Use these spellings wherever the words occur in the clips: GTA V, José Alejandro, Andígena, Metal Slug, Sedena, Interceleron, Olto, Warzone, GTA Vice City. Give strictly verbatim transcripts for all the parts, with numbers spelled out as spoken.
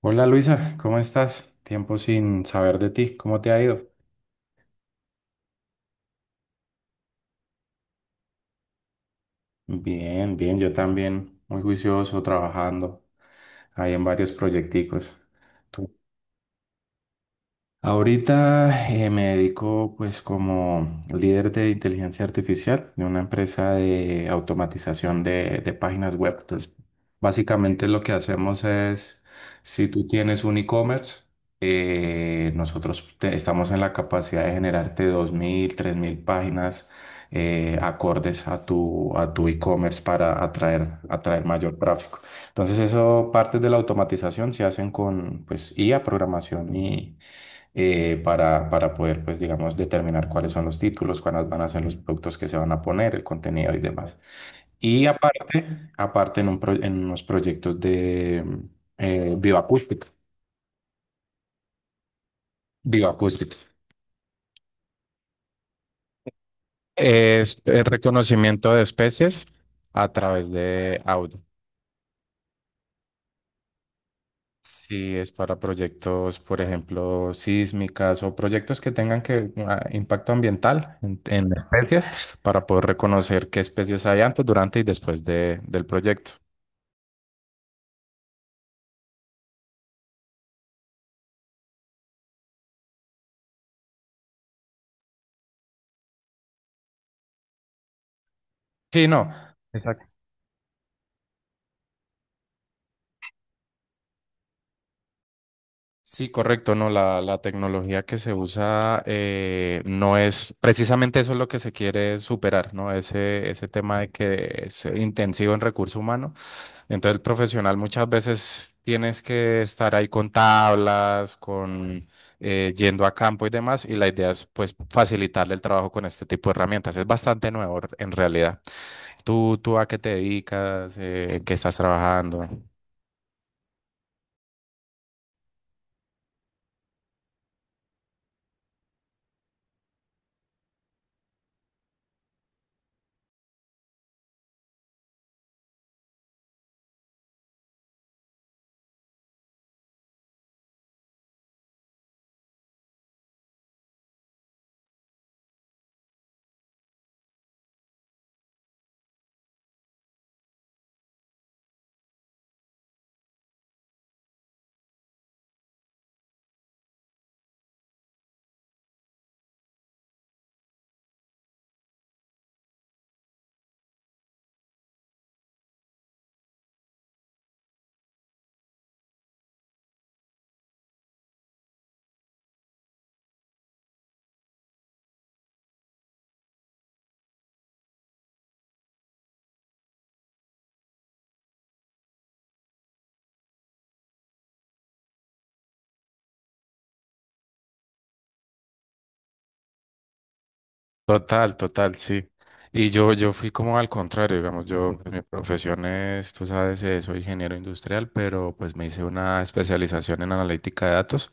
Hola Luisa, ¿cómo estás? Tiempo sin saber de ti, ¿cómo te ha ido? Bien, bien, yo también, muy juicioso, trabajando ahí en varios proyecticos. Ahorita eh, me dedico, pues, como líder de inteligencia artificial de una empresa de automatización de, de páginas web. Entonces, básicamente lo que hacemos es, si tú tienes un e-commerce, eh, nosotros te- estamos en la capacidad de generarte dos mil, tres mil páginas eh, acordes a tu, a tu e-commerce para atraer, atraer mayor tráfico. Entonces, eso, partes de la automatización se hacen con, pues, I A, programación y eh, para, para poder, pues, digamos, determinar cuáles son los títulos, cuáles van a ser los productos que se van a poner, el contenido y demás. Y aparte, aparte en, un pro- en unos proyectos de eh, bioacústica. Bioacústica. Es el reconocimiento de especies a través de audio. Si es para proyectos, por ejemplo, sísmicas o proyectos que tengan que ah, impacto ambiental en, en especies, para poder reconocer qué especies hay antes, durante y después de- del proyecto. Sí, no, exacto. Sí, correcto, no, la, la tecnología que se usa, eh, no es, precisamente eso es lo que se quiere superar, ¿no? Ese, ese tema de que es intensivo en recurso humano. Entonces, el profesional muchas veces tienes que estar ahí con tablas, con eh, yendo a campo y demás, y la idea es, pues, facilitarle el trabajo con este tipo de herramientas. Es bastante nuevo en realidad. ¿Tú, tú a qué te dedicas? Eh, ¿en qué estás trabajando? Total, total, sí. Y yo, yo fui como al contrario, digamos, yo, pues, mi profesión es, tú sabes, eh, soy ingeniero industrial, pero pues me hice una especialización en analítica de datos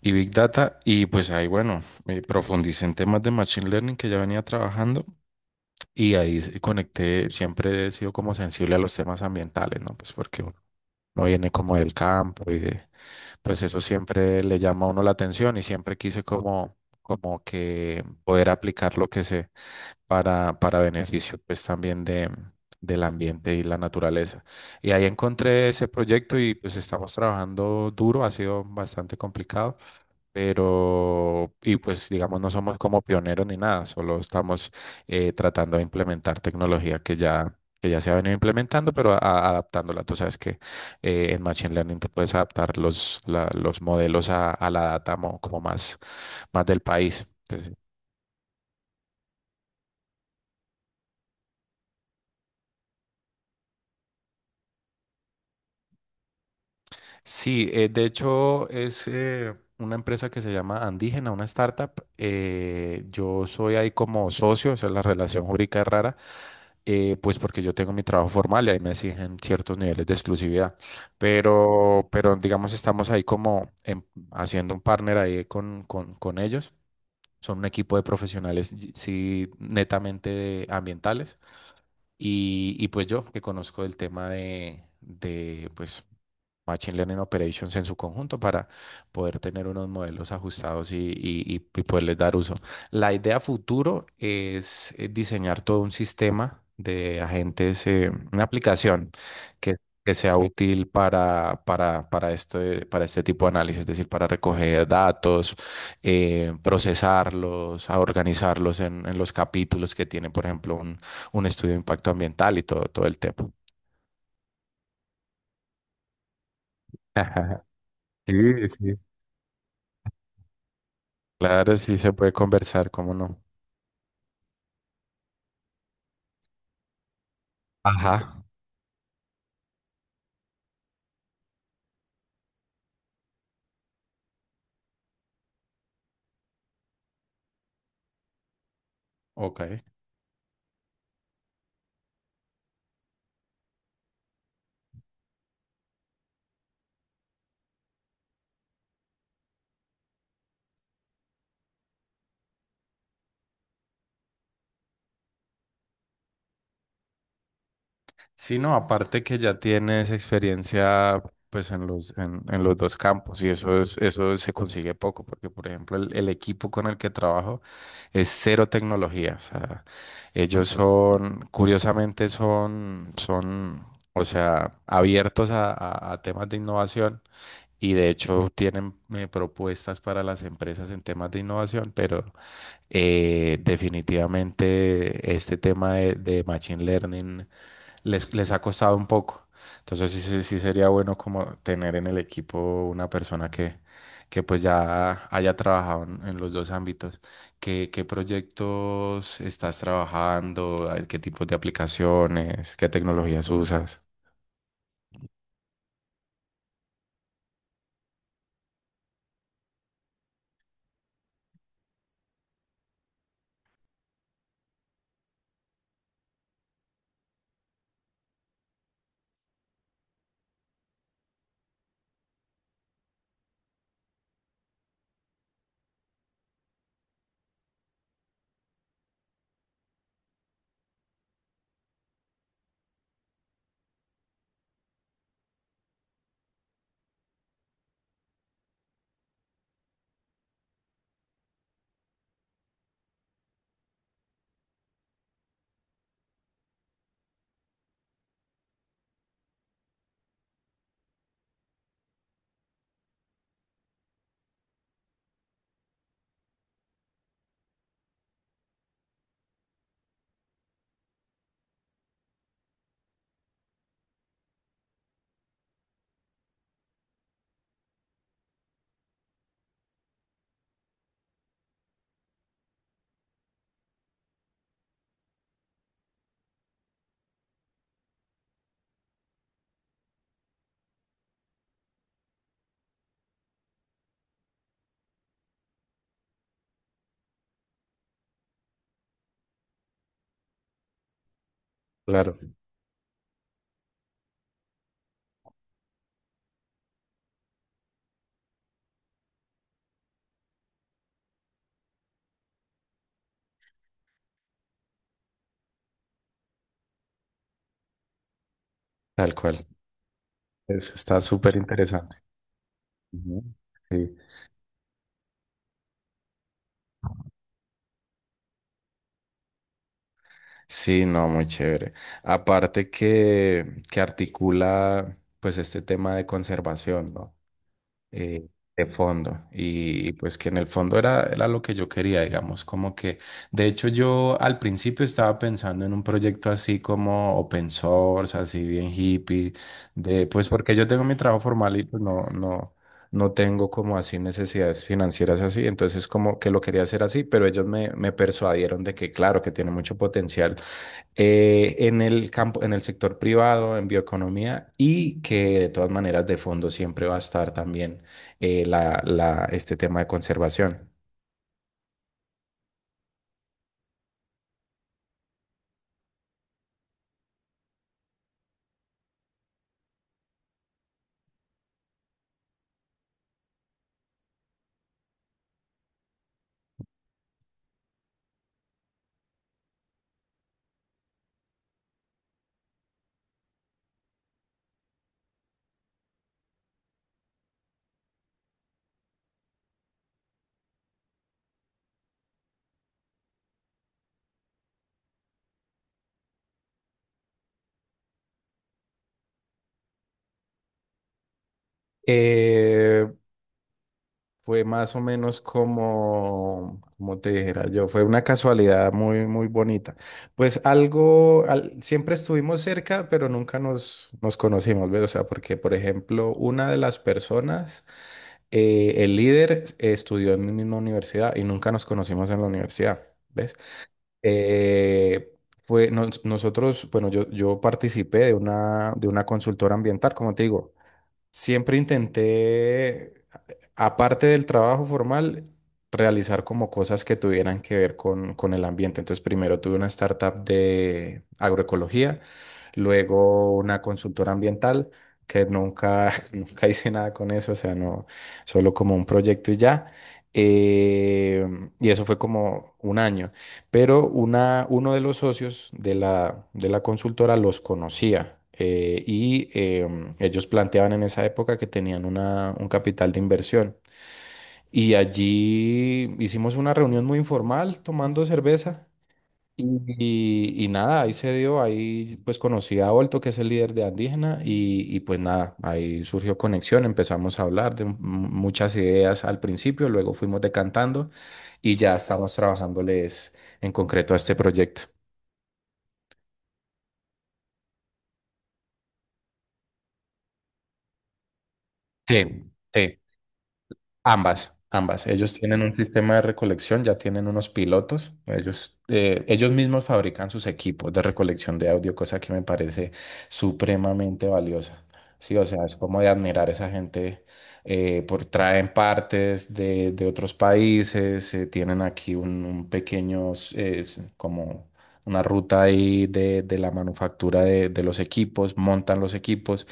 y Big Data, y pues ahí, bueno, me profundicé en temas de Machine Learning que ya venía trabajando, y ahí s- conecté. Siempre he sido como sensible a los temas ambientales, ¿no? Pues porque uno uno viene como del campo y de, pues eso siempre le llama a uno la atención, y siempre quise como, como que poder aplicar lo que sé para, para beneficio, pues, también de, del ambiente y la naturaleza. Y ahí encontré ese proyecto, y pues estamos trabajando duro, ha sido bastante complicado, pero, y pues, digamos, no somos como pioneros ni nada, solo estamos eh, tratando de implementar tecnología que ya... que ya se ha venido implementando, pero a- a- adaptándola. Tú sabes que eh, en Machine Learning tú puedes adaptar los, la- los modelos a, a la data mo- como más, más del país. Sí, eh, de hecho es eh, una empresa que se llama Andígena, una startup. Eh, yo soy ahí como socio, o sea, la relación jurídica es rara, eh, pues porque yo tengo mi trabajo formal y ahí me exigen ciertos niveles de exclusividad. Pero, pero digamos, estamos ahí como en- haciendo un partner ahí con, con, con ellos. Son un equipo de profesionales, y- sí, netamente ambientales. Y, y pues yo, que conozco el tema de, de, pues, Machine Learning Operations en su conjunto, para poder tener unos modelos ajustados y, y- y- y poderles dar uso. La idea futuro es eh, diseñar todo un sistema de agentes, eh, una aplicación que, que sea útil para, para, para, este, para este tipo de análisis, es decir, para recoger datos, eh, procesarlos, a organizarlos en, en los capítulos que tiene, por ejemplo, un, un estudio de impacto ambiental y todo, todo el tema. Sí, sí. Claro, sí se puede conversar, ¿cómo no? Ajá, ok. Sí, no, aparte que ya tienes experiencia, pues, en los, en, en los dos campos, y eso es, eso se consigue poco, porque por ejemplo el, el equipo con el que trabajo es cero tecnología. O sea, ellos son, curiosamente son, son, o sea, abiertos a, a- a temas de innovación, y de hecho tienen eh, propuestas para las empresas en temas de innovación, pero Eh, definitivamente este tema de, de Machine Learning les, les ha costado un poco. Entonces sí, sí, sí sería bueno como tener en el equipo una persona que, que pues ya haya trabajado en, en los dos ámbitos. ¿Qué, qué proyectos estás trabajando? ¿Hay- ¿qué tipos de aplicaciones? ¿Qué tecnologías usas? Claro, tal cual. Eso está súper interesante. Ujú. Sí. Sí, no, muy chévere. Aparte que, que articula pues este tema de conservación, ¿no? Eh, de fondo. Y, y pues, que en el fondo era, era lo que yo quería, digamos, como que, de hecho yo al principio estaba pensando en un proyecto así como open source, así bien hippie, de pues porque yo tengo mi trabajo formal y pues no, no. No tengo como así necesidades financieras así, entonces como que lo quería hacer así, pero ellos me, me persuadieron de que claro, que tiene mucho potencial eh, en el campo, en el sector privado, en bioeconomía, y que de todas maneras de fondo siempre va a estar también eh, la, la- este tema de conservación. Eh, Fue más o menos como, como te dijera yo, fue una casualidad muy, muy bonita. Pues algo, al- siempre estuvimos cerca, pero nunca nos, nos conocimos, ¿ves? O sea, porque, por ejemplo, una de las personas, eh, el líder, eh, estudió en mi misma universidad y nunca nos conocimos en la universidad, ¿ves? Eh, fue, nos- nosotros, bueno, yo, yo participé de una, de una consultora ambiental, como te digo. Siempre intenté, a- aparte del trabajo formal, realizar como cosas que tuvieran que ver con, con el ambiente. Entonces, primero tuve una startup de agroecología, luego una consultora ambiental, que nunca, nunca hice nada con eso, o sea, no, solo como un proyecto y ya. Eh, y eso fue como un año, pero una, uno de los socios de la, de la consultora los conocía, eh, y em, ellos planteaban en esa época que tenían una- un capital de inversión. Y allí hicimos una reunión muy informal tomando cerveza, y, y nada, ahí se dio, ahí pues conocí a Olto, que es el líder de Andígena, y, y pues nada, ahí surgió conexión, empezamos a hablar de m- muchas ideas al principio, luego fuimos decantando, y ya estamos trabajándoles en concreto a este proyecto. Sí, sí. Ambas, ambas. Ellos tienen un sistema de recolección, ya tienen unos pilotos. Ellos, eh, ellos mismos fabrican sus equipos de recolección de audio, cosa que me parece supremamente valiosa. Sí, o sea, es como de admirar a esa gente, eh, por traen partes de, de otros países, eh, tienen aquí un, un pequeño, eh, es como una ruta ahí de, de la manufactura de de los equipos, montan los equipos.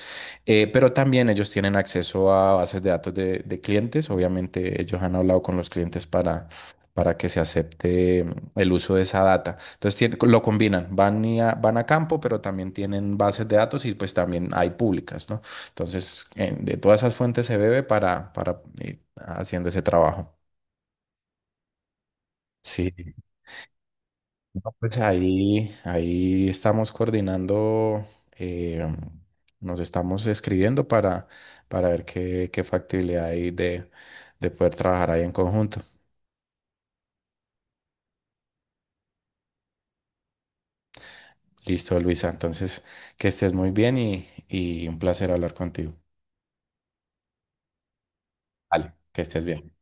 Eh, pero también ellos tienen acceso a bases de datos de, de clientes. Obviamente ellos han hablado con los clientes para, para que se acepte mm, el uso de esa data. Entonces tiene- lo combinan, van, y a, van a campo, pero también tienen bases de datos, y pues también hay públicas, ¿no? Entonces eh, de todas esas fuentes se bebe para, para ir haciendo ese trabajo. Sí, pues ahí, ahí estamos coordinando, eh, nos estamos escribiendo para, para ver qué, qué factibilidad hay de, de poder trabajar ahí en conjunto. Listo, Luisa. Entonces, que estés muy bien, y, y un placer hablar contigo. Vale, que estés bien.